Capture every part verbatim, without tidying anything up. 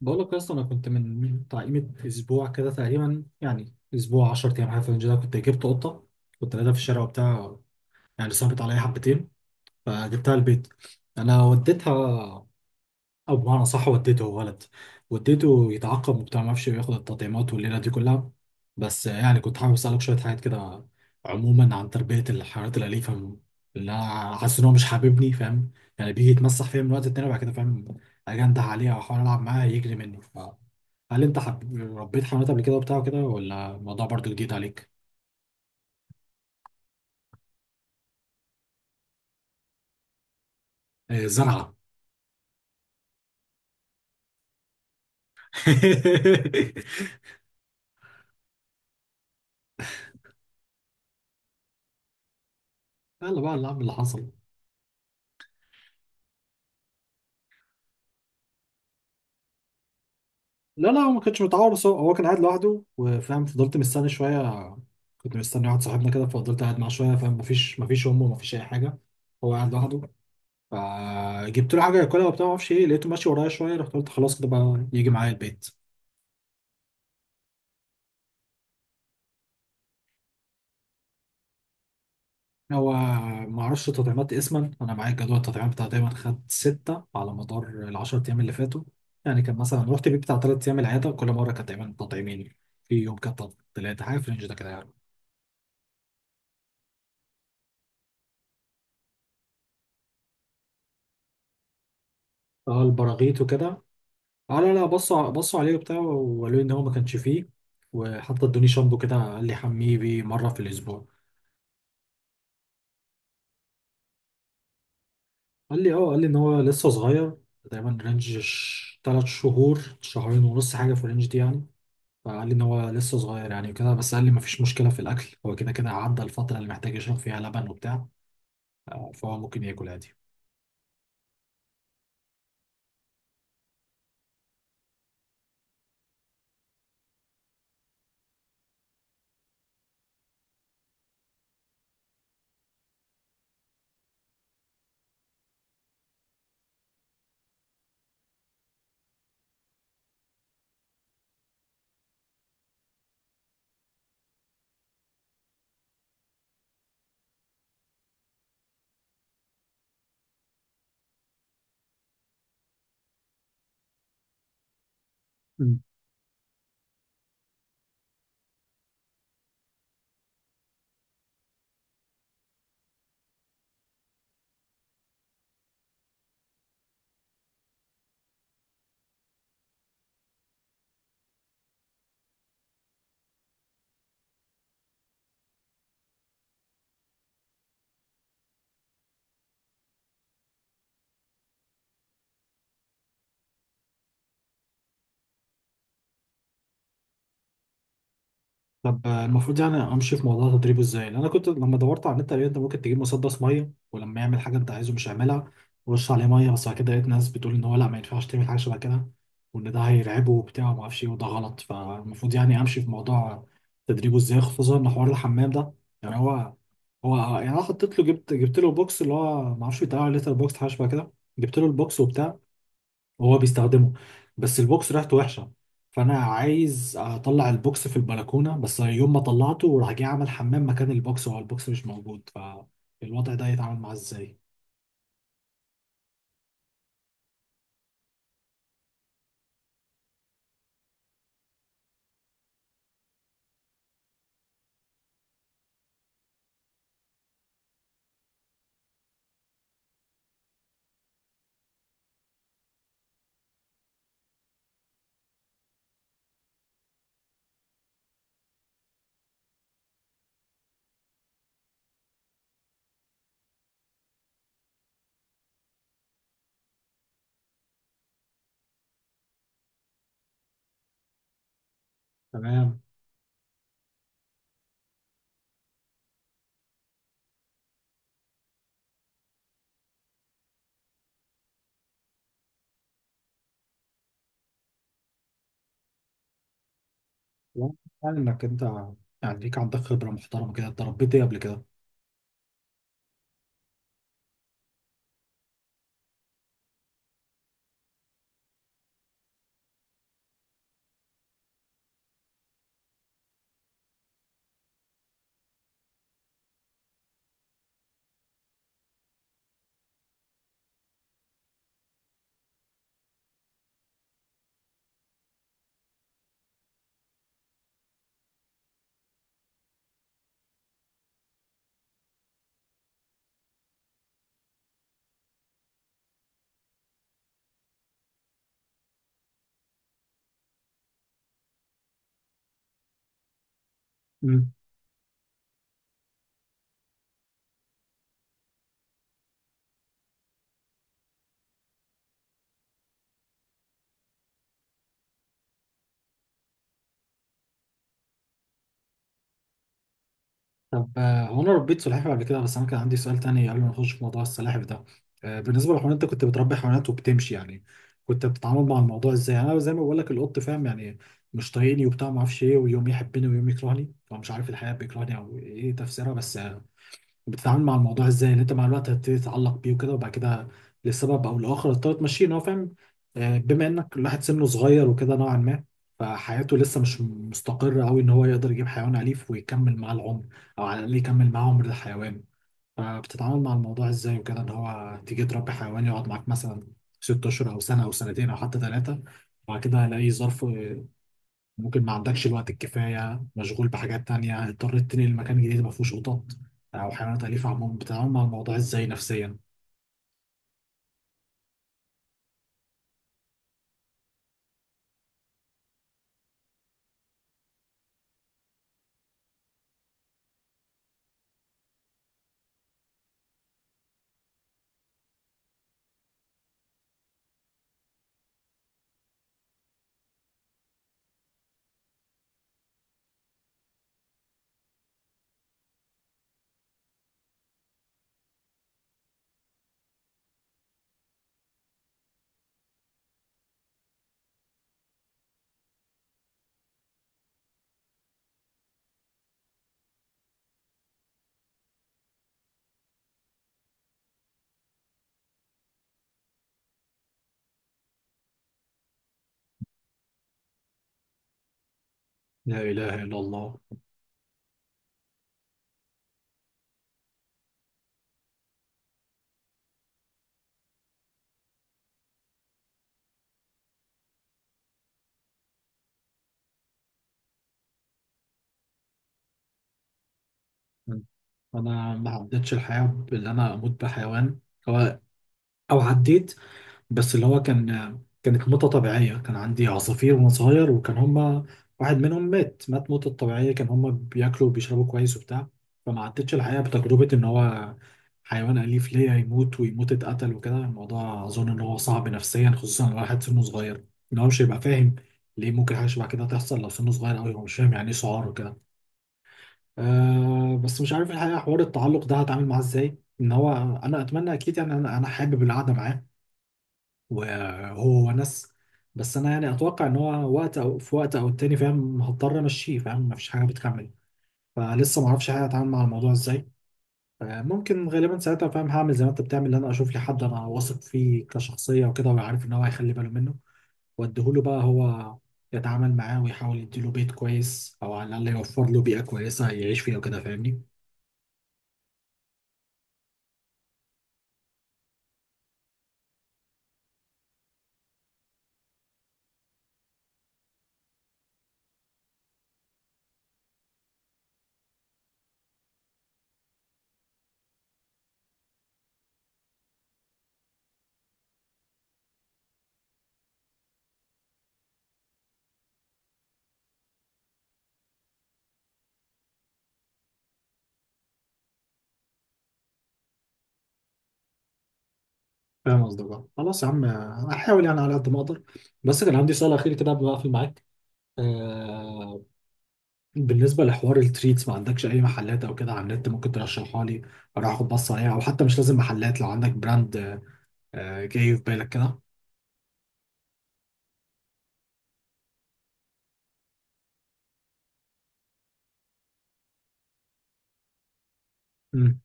بقول لك يا اسطى، انا كنت من بتاع قيمه اسبوع كده تقريبا، يعني اسبوع 10 ايام حاجه في الرينج ده. كنت جبت قطه. كنت قاعدها في الشارع وبتاع، يعني صعبت عليا حبتين فجبتها البيت. انا وديتها، او بمعنى صح وديته، غلط، وديته يتعاقب وبتاع، ما اعرفش ياخد التطعيمات والليله دي كلها. بس يعني كنت حابب اسالك شويه حاجات كده، عموما عن تربيه الحيوانات الاليفه. اللي انا حاسس ان هو مش حاببني، فاهم؟ يعني بيجي يتمسح فيا من وقت التاني، وبعد كده فاهم اجنده عليه، او احاول العب معاه يجري مني، ف... هل انت حب... ربيت حيوانات قبل كده وبتاع كده، ولا الموضوع برضو جديد عليك؟ آه، زرعه. يلا بقى، اللي عم اللي حصل. لا، لا، هو ما كانش متعور، بس هو هو كان قاعد لوحده وفاهم، فضلت مستني شويه. كنت مستني واحد صاحبنا كده، ففضلت قاعد معاه شويه، فاهم؟ مفيش مفيش امه، مفيش اي حاجه. هو قاعد لوحده. فجبت له حاجه ياكلها وبتاع، ما اعرفش ايه، لقيته ماشي ورايا شويه، رحت قلت خلاص كده بقى يجي معايا البيت. هو ما اعرفش تطعيمات اسما، انا معايا جدول التطعيمات بتاع. دايما خد سته على مدار العشر ايام اللي فاتوا. يعني كان مثلا رحت بيه بتاع ثلاث ايام العياده، كل مره كانت دايما تطعيمين. في يوم كانت تلاته، حاجه في الرينج ده كده يعني. اه، البراغيث وكده. اه، لا، لا، بصوا بصوا عليه وبتاع، وقالوا لي ان هو ما كانش فيه. وحتى ادوني شامبو كده، قال لي حميه بيه مره في الاسبوع. قال لي اه، قال لي ان هو لسه صغير. تقريبا رينج ش- تلات شهور، شهرين ونص، حاجه في الرينج دي يعني. فقال لي ان هو لسه صغير يعني كده، بس قال لي ما فيش مشكله في الاكل، هو كده كده عدى الفتره اللي محتاج يشرب فيها لبن وبتاع. آه، فهو ممكن ياكل عادي. طب المفروض يعني امشي في موضوع تدريبه ازاي؟ لان انا كنت لما دورت على النت لقيت انت ممكن تجيب مسدس ميه ولما يعمل حاجه انت عايزه مش هيعملها، ورش عليه ميه. بس بعد كده لقيت ناس بتقول ان هو لا، ما ينفعش تعمل حاجه شبه كده، وان ده هيرعبه وبتاع، وما اعرفش ايه، وده غلط. فالمفروض يعني امشي في موضوع تدريبه ازاي؟ خصوصا ان حوار الحمام ده، يعني هو هو يعني انا حطيت له، جبت جبت له بوكس، اللي هو ما اعرفش بيتقال عليه ليتر بوكس، حاجه شبه كده. جبت له البوكس وبتاع، وهو بيستخدمه. بس البوكس ريحته وحشه. فانا عايز اطلع البوكس في البلكونه، بس يوم ما طلعته راح جاي عمل حمام مكان البوكس، وهو البوكس مش موجود. فالوضع ده يتعامل معاه ازاي؟ تمام. واضح انك انت، يعني ليك عندك خبره محترمه كده. اتدربت ايه قبل كده؟ طب، آه، هو انا ربيت سلحفاه قبل كده، بس انا كان عندي سؤال تاني قبل ما نخش في موضوع السلاحف ده. آه، بالنسبه للحيوانات، انت كنت بتربي حيوانات وبتمشي يعني، كنت بتتعامل مع الموضوع ازاي؟ يعني انا زي ما بقول لك، القط فاهم يعني مش طايقني وبتاع، ما اعرفش ايه، ويوم يحبني ويوم يكرهني، هو مش عارف الحياه بيكرهني او ايه تفسيرها، بس بتتعامل مع الموضوع ازاي ان انت مع الوقت هتبتدي تتعلق بيه وكده، وبعد كده لسبب او لاخر هتضطر تمشيه، ان هو فاهم؟ آه، بما انك الواحد سنه صغير وكده نوعا ما، فحياته لسه مش مستقرة قوي ان هو يقدر يجيب حيوان أليف ويكمل معاه العمر، او على الاقل يكمل معاه عمر الحيوان. فبتتعامل مع الموضوع ازاي وكده، ان هو تيجي تربي حيوان يقعد معاك مثلا ست اشهر او سنة او سنتين او حتى ثلاثة، وبعد كده هلاقيه ظرف، ممكن ما عندكش الوقت الكفايه، مشغول بحاجات تانية، اضطريت تنقل مكان جديد ما فيهوش قطط او حيوانات اليفه عموما، بتتعامل مع الموضوع ازاي نفسيا؟ لا اله الا الله. انا ما عدتش الحياه بان انا اموت بحيوان. هو- او عديت، بس اللي هو كان، كانت موتة طبيعية. كان عندي عصافير وأنا صغير وكان هما، واحد منهم مات مات موتة طبيعية، كان هما بياكلوا وبيشربوا كويس وبتاع. فما عدتش الحقيقة بتجربة إن هو حيوان أليف ليا يموت، ويموت اتقتل وكده. الموضوع أظن إن هو صعب نفسيا، خصوصا لو واحد سنه صغير، إن هو مش هيبقى فاهم ليه ممكن حاجة شبه كده تحصل، لو سنه صغير أوي هو مش فاهم يعني إيه سعار وكده. أه، بس مش عارف الحقيقة، حوار التعلق ده هتعامل معاه إزاي إن هو، أنا أتمنى أكيد يعني. أنا أنا حابب القعدة معاه وهو ونس. بس انا يعني اتوقع ان هو وقت، او في وقت او التاني، فاهم، هضطر امشيه، فاهم مفيش حاجه بتكمل. فلسه ما اعرفش حاجه اتعامل مع الموضوع ازاي. آه، ممكن غالبا ساعتها، فاهم، هعمل زي ما انت بتعمل، ان انا اشوف لي حد انا واثق فيه كشخصيه وكده، وعارف ان هو هيخلي باله منه، واديهوله بقى هو يتعامل معاه، ويحاول يديله بيت كويس او على الاقل يوفر له بيئه كويسه يعيش فيها وكده، فاهمني؟ فاهم قصدك بقى. خلاص يا عم، آه، هحاول يعني على قد ما اقدر. بس كان عندي سؤال اخير كده قبل ما اقفل معاك. آه، بالنسبة لحوار التريتس، ما عندكش أي محلات أو كده على النت ممكن ترشحها لي؟ أروح أخد بصة عليها، أو حتى مش لازم محلات، لو عندك براند آه، جاي في بالك كده. مم.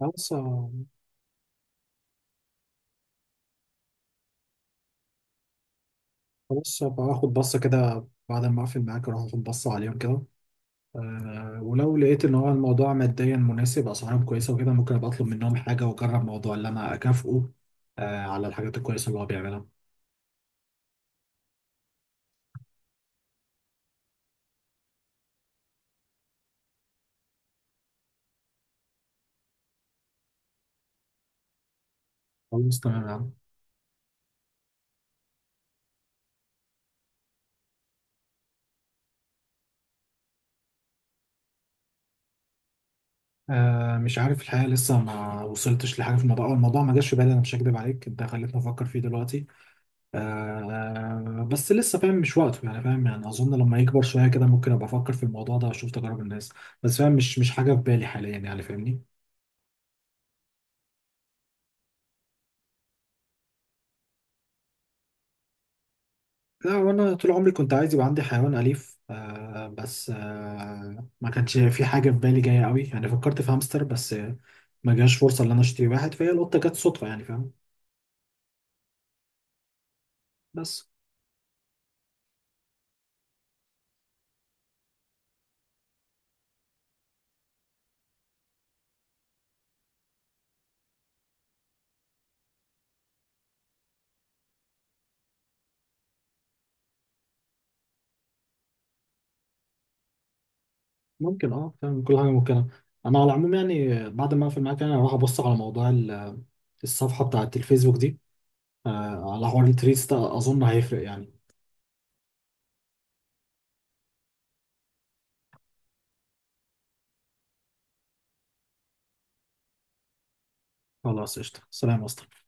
خلاص. آه، خلاص هبقى آخد بصة كده بعد ما أقفل معاك، أروح أخد بصة عليهم كده. أه، ولو لقيت إن هو الموضوع ماديا مناسب، أسعارهم كويسة وكده، ممكن أبقى أطلب منهم حاجة وأجرب موضوع اللي أنا أكافئه أه على الحاجات الكويسة اللي هو بيعملها. خلاص تمام يا عم. آه مش عارف الحقيقة، لسه ما وصلتش لحاجة في الموضوع، أو الموضوع ما جاش في بالي. أنا مش هكدب عليك، أنت خليتني أفكر فيه دلوقتي. آه بس لسه، فاهم، مش وقته يعني، فاهم، يعني أظن لما يكبر شوية كده ممكن أبقى أفكر في الموضوع ده وأشوف تجارب الناس. بس فاهم مش مش حاجة في بالي حاليا يعني، فاهمني؟ لا، وأنا طول عمري كنت عايز يبقى عندي حيوان أليف. آه بس آه ما كانش في حاجة في بالي جاية قوي يعني، فكرت في هامستر بس. آه، ما جاش فرصة إن أنا أشتري واحد، فهي القطة جت صدفة يعني، فاهم؟ بس. ممكن، اه، فاهم، كل حاجه ممكنه. انا على العموم يعني بعد ما اقفل معاك يعني، انا هروح ابص على موضوع ال- الصفحه بتاعه الفيسبوك دي. آه، على حوار التريس ده، اظن هيفرق يعني. خلاص قشطه. سلام يا اسطى.